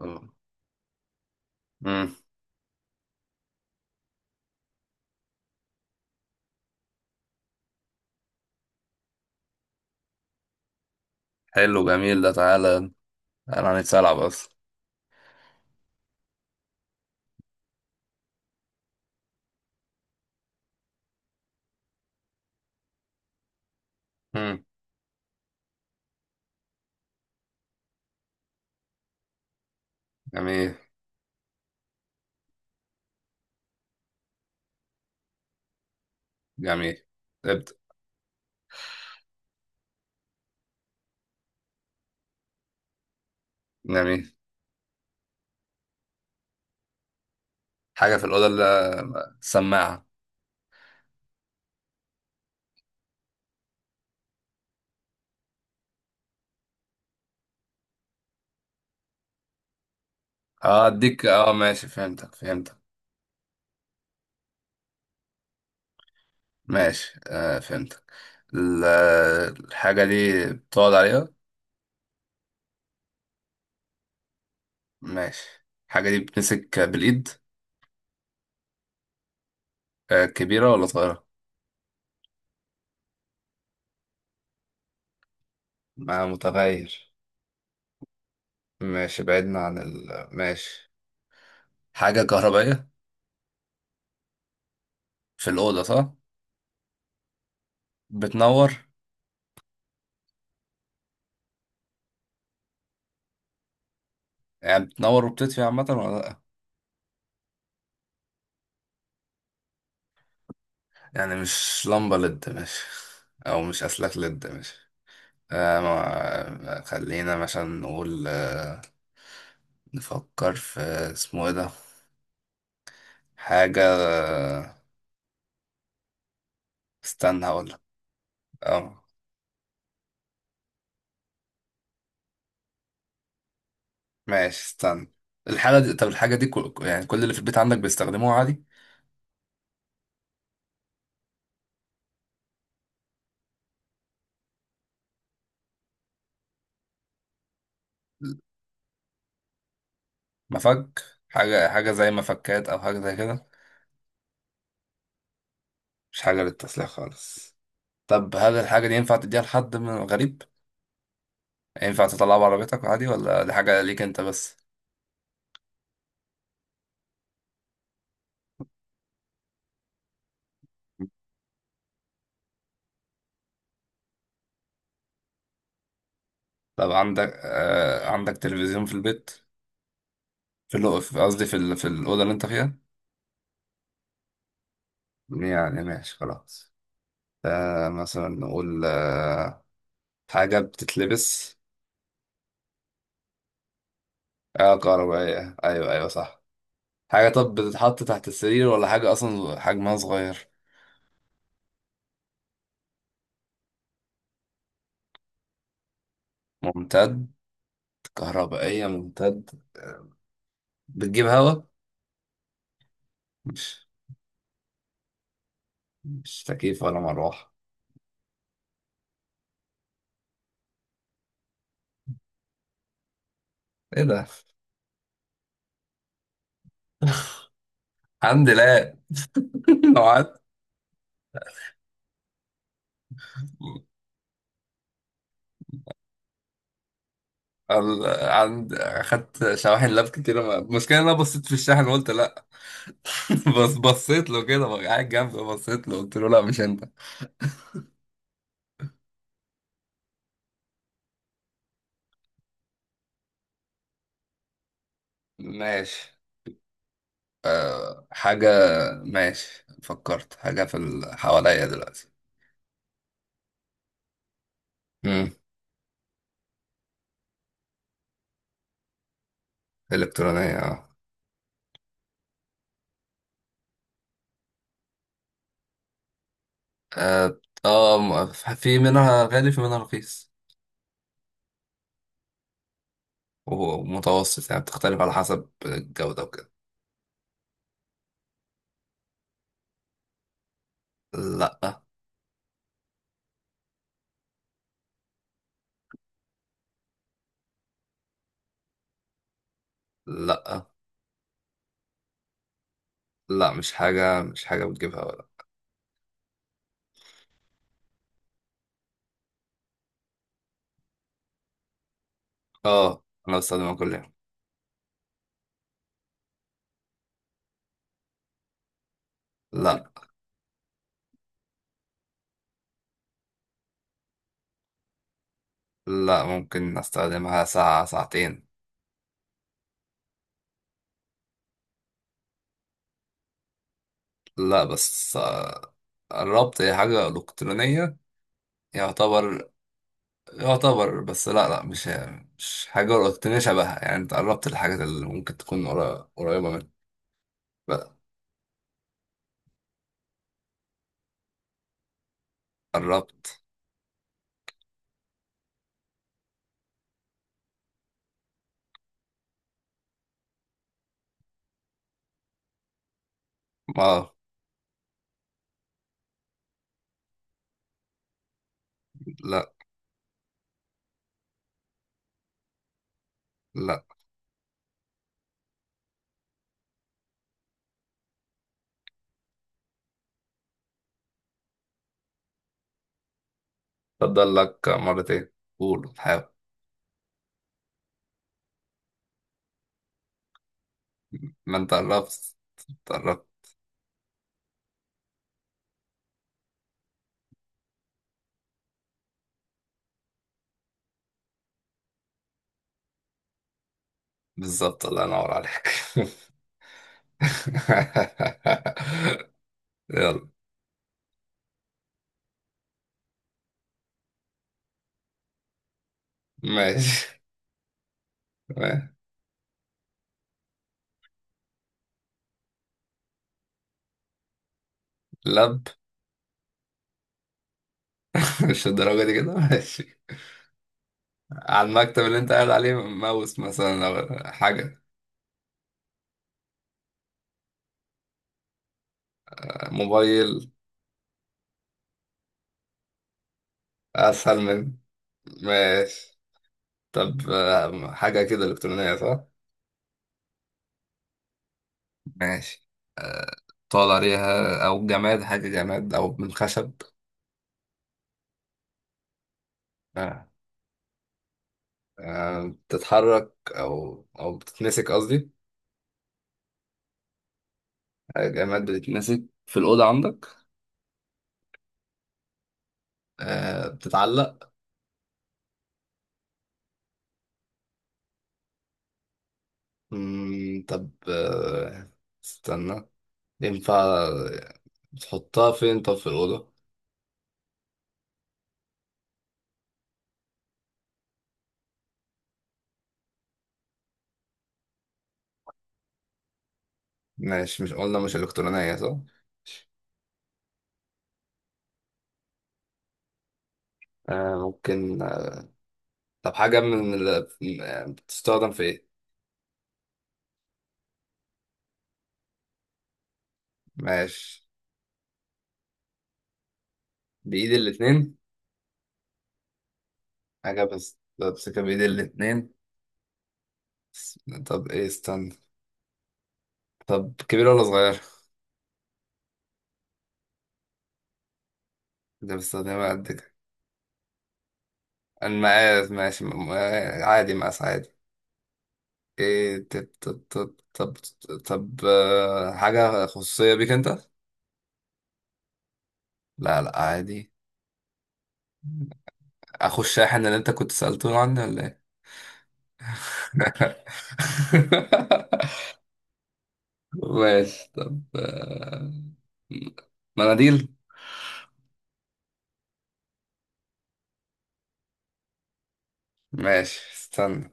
اه. مم. حلو جميل ده تعالى. تعالى هنتسلع بس. مم. جميل. جميل. ابدأ. جميل. حاجة في الأوضة اللي السماعة. اه اديك اه ماشي فهمتك. ماشي آه فهمتك. ال- الحاجة دي بتقعد عليها. ماشي، الحاجة دي بتمسك بالإيد. آه كبيرة ولا صغيرة؟ ما متغير. ماشي بعدنا عن ال ماشي. حاجة كهربائية. في الأوضة صح؟ بتنور. يعني بتنور وبتطفي عامة ولا لأ؟ يعني مش لمبة لد، ماشي. أو مش أسلاك لد، ماشي. آه ما خلينا مثلا نقول آه، نفكر في اسمه ايه ده. حاجة آه، استنى هقولك. اه. ماشي استنى. الحاجة دي، طب الحاجة دي كل... يعني كل اللي في البيت عندك بيستخدموها عادي. مفك. حاجة، حاجة زي مفكات أو حاجة زي كده. مش حاجة للتسليح خالص. طب هل الحاجة دي ينفع تديها لحد من غريب؟ ينفع تطلعها بعربيتك عادي ولا دي حاجة ليك أنت بس؟ طب عندك آه، عندك تلفزيون في البيت؟ في الأو- في- قصدي في ال- في الأوضة اللي أنت فيها. يعني ماشي، خلاص. آه مثلا نقول آه، حاجة بتتلبس. آه كهربائية، أيوه أيوه صح. حاجة، طب بتتحط تحت السرير ولا حاجة أصلا حجمها صغير؟ ممتد. كهربائية ممتد. بتجيب هوا؟ مش مش تكييف ولا مروحة؟ إيه ده؟ الحمد لله. نوعات. ال- عند اخدت شواحن لاب كتير. ما- المشكله ان انا بصيت في الشاحن وقلت لا. بس بصيت له كده بقى قاعد جنبي، بصيت له قلت له لا مش انت. ماشي. حاجه. ماشي فكرت حاجه في ال- حواليا دلوقتي. امم. الكترونيه اه. اه آه، في منها غالي في منها رخيص ومتوسط، يعني بتختلف على حسب الجوده وكده. لا. لا، لا مش حاجه، مش حاجه بتجيبها ولا. اه انا بستخدمها كل يوم. لا. لا ممكن استخدمها ساعة ساعتين. لا بس آه، الربط هي حاجة إلكترونية يعتبر. يعتبر بس لا، لا مش حاجة إلكترونية شبهها، يعني انت قربت الحاجات اللي ممكن تكون قريبة منها. لا. قربت. ما لا. لا. فضل لك مرتين. قول حاول. ما انت قربت. انت قربت. بالظبط، الله ينور عليك. يلا. ماشي. ماشي. لب. مش الدرجة دي كده، ماشي. على المكتب اللي انت قاعد عليه، ماوس مثلا او حاجة. موبايل. اسهل من. ماشي. طب آه، حاجة كده إلكترونية صح؟ ماشي. طال عليها، أو جماد؟ حاجة جماد أو من خشب. آه. آه، بتتحرك أو أو بتتمسك قصدي. آه، جماد بتتمسك في الأوضة عندك. آه. بتتعلق. مم. طب آه، استنى. ينفع تحطها فين طب في الأوضة؟ ماشي. مش قلنا مش إلكترونية صح؟ آه ممكن آه، طب حاجة من ال... آه، بتستخدم في إيه؟ ماشي. بإيد الاتنين. حاجة بس بمسكها بإيد الاتنين. بس- طب إيه استنى. طب كبيرة ولا صغيرة؟ ده بستخدمها قد كده. المقاس ماشي، آه، عادي، مقاس عادي. إيه؟ طب طب آه، حاجة خصوصية بيك أنت؟ لا لا عادي. أخو الشاحن اللي أنت كنت سألته عني ولا إيه؟ ماشي. طب آه، مناديل. ماشي استنى.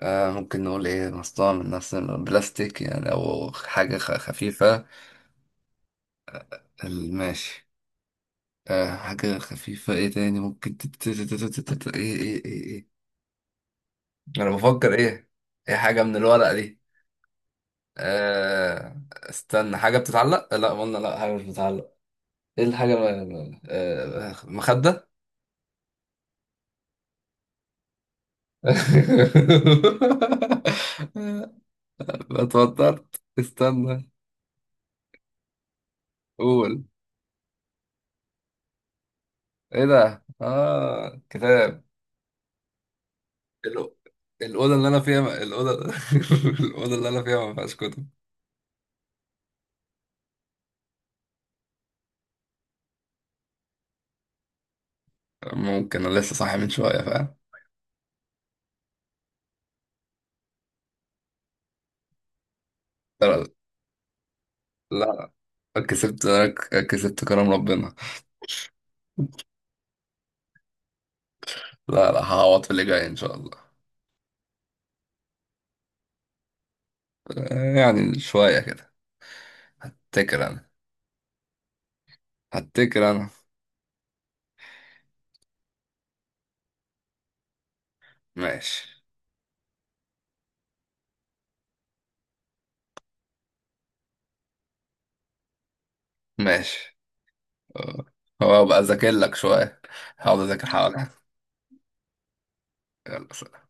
آه ممكن نقول ايه، مصنوع من نفس البلاستيك يعني او حاجة خفيفة. ال- ماشي. آه، حاجة خفيفة، ايه تاني ممكن ايه ايه ايه ايه. انا بفكر ايه. ايه حاجة من الورق دي؟ آه استنى، حاجة بتتعلق؟ لا قلنا لا، حاجة مش بتتعلق. ايه الحاجة آه، مخدة. لا اتوترت، استنى. قول. ايه ده؟ اه كتاب. الأو- الأوضة اللي أنا فيها، الأوضة الأوضة اللي أنا فيها ما فيهاش كتب. ممكن أنا لسه صاحي من شوية، فاهم؟ لا. لا كسبت. كسبت كرم ربنا. لا لا، هعوض في اللي جاي إن شاء الله. يعني شوية كده. هتكر أنا. هتكر أنا. ماشي. ماشي. أه، هو أبقى أذاكر لك شوية. هقعد أذاكر حوالي. يلا سلام.